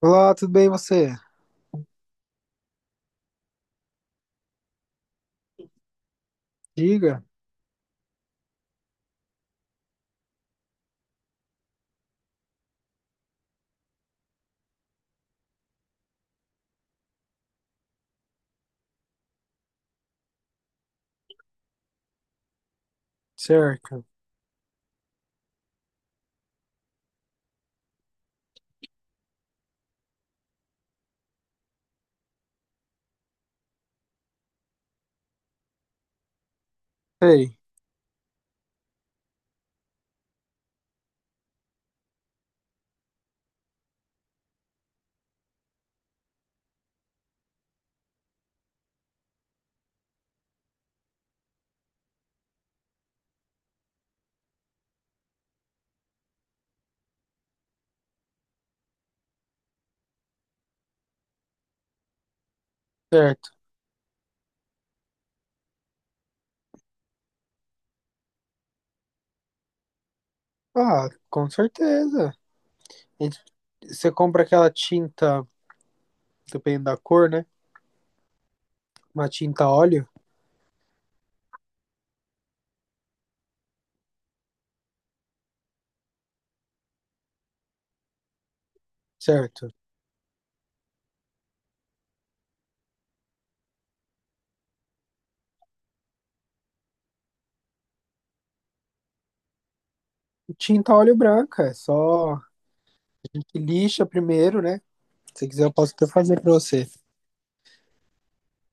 Olá, tudo bem você? Diga. Certo. Sei. Certo. Ah, com certeza. A gente- Você compra aquela tinta, dependendo da cor, né? Uma tinta óleo, certo? Tinta óleo branca, é só a gente lixa primeiro, né? Se quiser, eu posso até fazer pra você.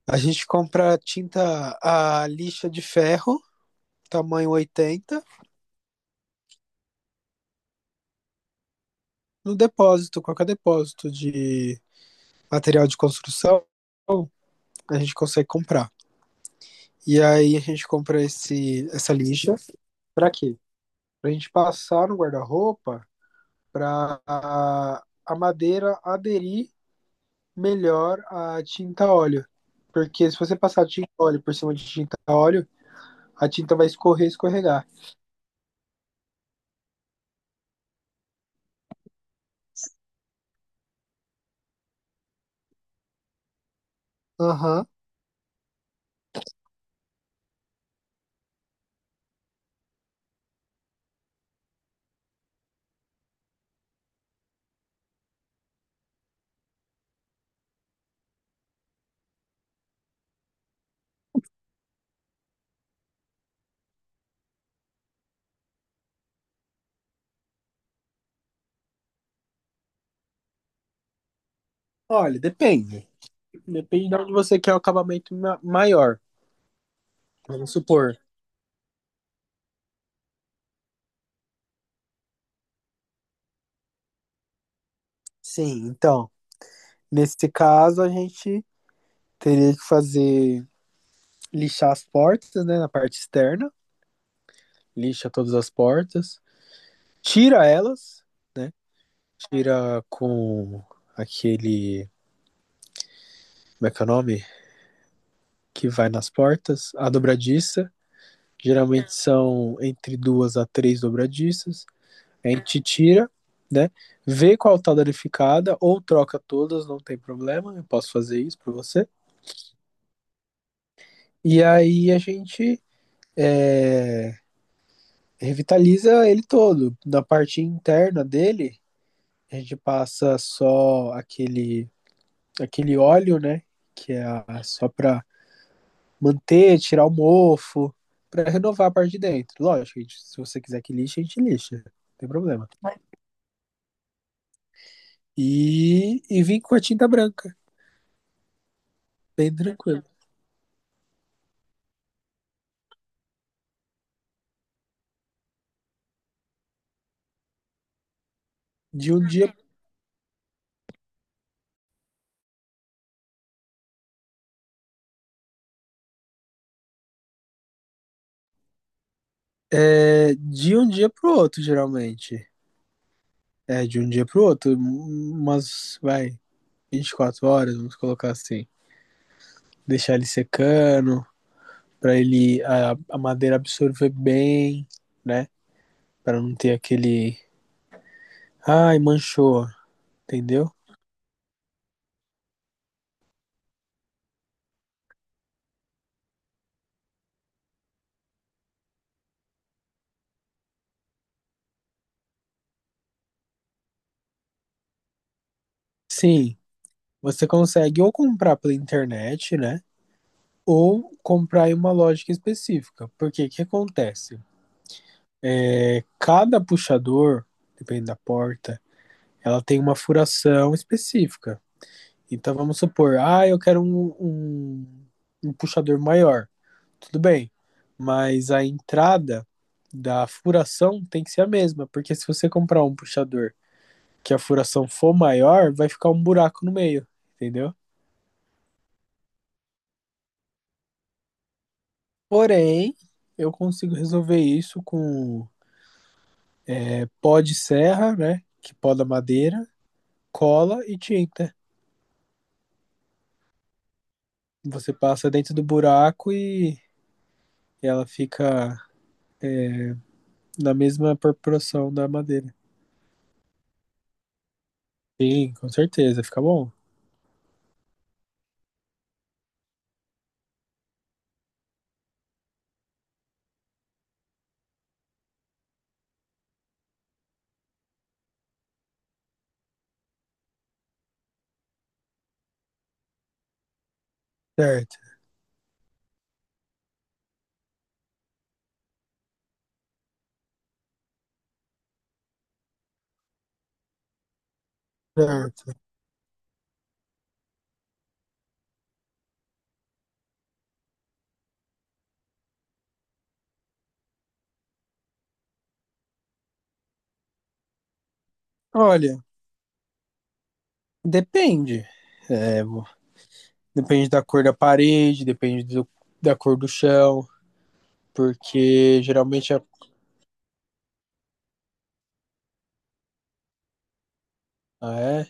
A gente compra tinta a lixa de ferro, tamanho 80, no depósito, qualquer depósito de material de construção, a gente consegue comprar. E aí a gente compra essa lixa. Pra quê? Pra gente passar no guarda-roupa pra a madeira aderir melhor à tinta óleo. Porque se você passar tinta óleo por cima de tinta óleo, a tinta vai escorrer escorregar. Aham. Olha, depende. Depende de onde você quer o acabamento maior. Vamos supor. Sim, então, nesse caso a gente teria que fazer lixar as portas, né, na parte externa lixa todas as portas, tira elas, né? Tira com aquele. Como é que é o nome? Que vai nas portas, a dobradiça. Geralmente são entre duas a três dobradiças. A gente tira, né? Vê qual tá danificada, ou troca todas, não tem problema, eu posso fazer isso pra você. E aí a gente é, revitaliza ele todo. Na parte interna dele, a gente passa só aquele óleo, né? Que é só para manter, tirar o mofo, para renovar a parte de dentro. Lógico, se você quiser que lixe, a gente lixa, não tem problema. E vim com a tinta branca, bem tranquilo. De um dia, de um dia pro outro, geralmente. É, de um dia pro outro, 24 horas, vamos colocar assim. Deixar ele secando, para ele, a madeira absorver bem, né? Para não ter aquele, ai, manchou. Entendeu? Sim, você consegue ou comprar pela internet, né? Ou comprar em uma lógica específica. Porque o que acontece? Cada puxador, depende da porta, ela tem uma furação específica. Então vamos supor, ah, eu quero um, um, um puxador maior. Tudo bem, mas a entrada da furação tem que ser a mesma, porque se você comprar um puxador que a furação for maior, vai ficar um buraco no meio, entendeu? Porém, eu consigo resolver isso com pó de serra, né? Que poda madeira, cola e tinta. Você passa dentro do buraco e ela fica na mesma proporção da madeira. Sim, com certeza, fica bom. Certo, certo. Olha, depende. É, vo- depende da cor da parede, da cor do chão, porque geralmente. Ah,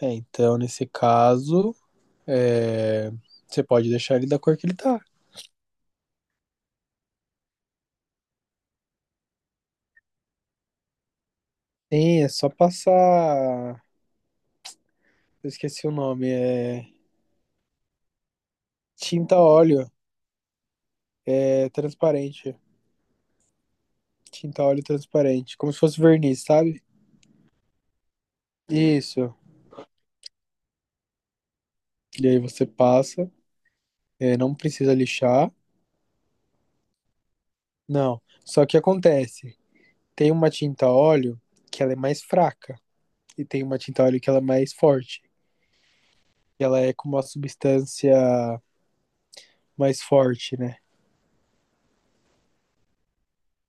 é? É, então, nesse caso, é, você pode deixar ele da cor que ele tá. Sim, é só passar. Eu esqueci o nome. É tinta óleo. É transparente. Tinta óleo transparente. Como se fosse verniz, sabe? Isso. E aí você passa. É, não precisa lixar. Não. Só que acontece. Tem uma tinta óleo que ela é mais fraca. E tem uma tinta óleo que ela é mais forte. E ela é com uma substância mais forte, né?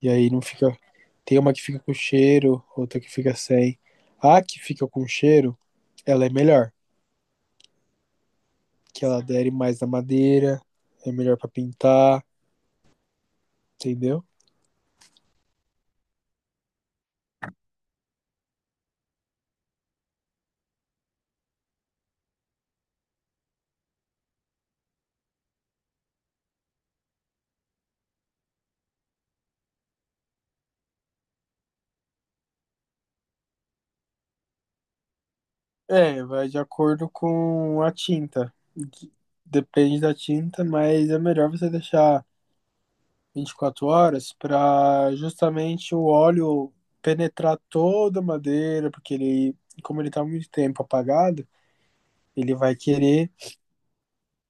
E aí não fica. Tem uma que fica com cheiro, outra que fica sem. A que fica com cheiro, ela é melhor. Que ela adere mais na madeira, é melhor pra pintar, entendeu? É, vai de acordo com a tinta. Depende da tinta, mas é melhor você deixar 24 horas pra justamente o óleo penetrar toda a madeira, porque ele, como ele tá há muito tempo apagado, ele vai querer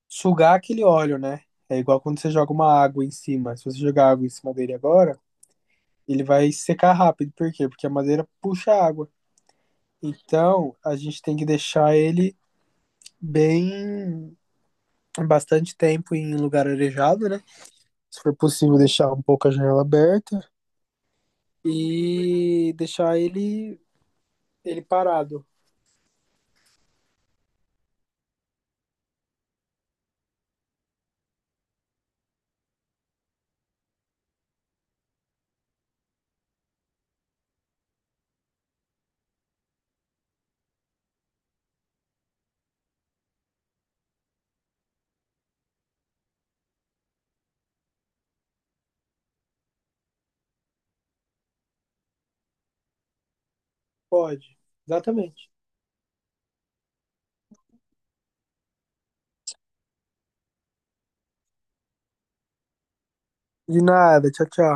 sugar aquele óleo, né? É igual quando você joga uma água em cima. Se você jogar água em cima dele agora, ele vai secar rápido. Por quê? Porque a madeira puxa a água. Então, a gente tem que deixar ele bem bastante tempo em lugar arejado, né? Se for possível, deixar um pouco a janela aberta e deixar ele parado. Pode. Exatamente. De nada. Tchau, tchau.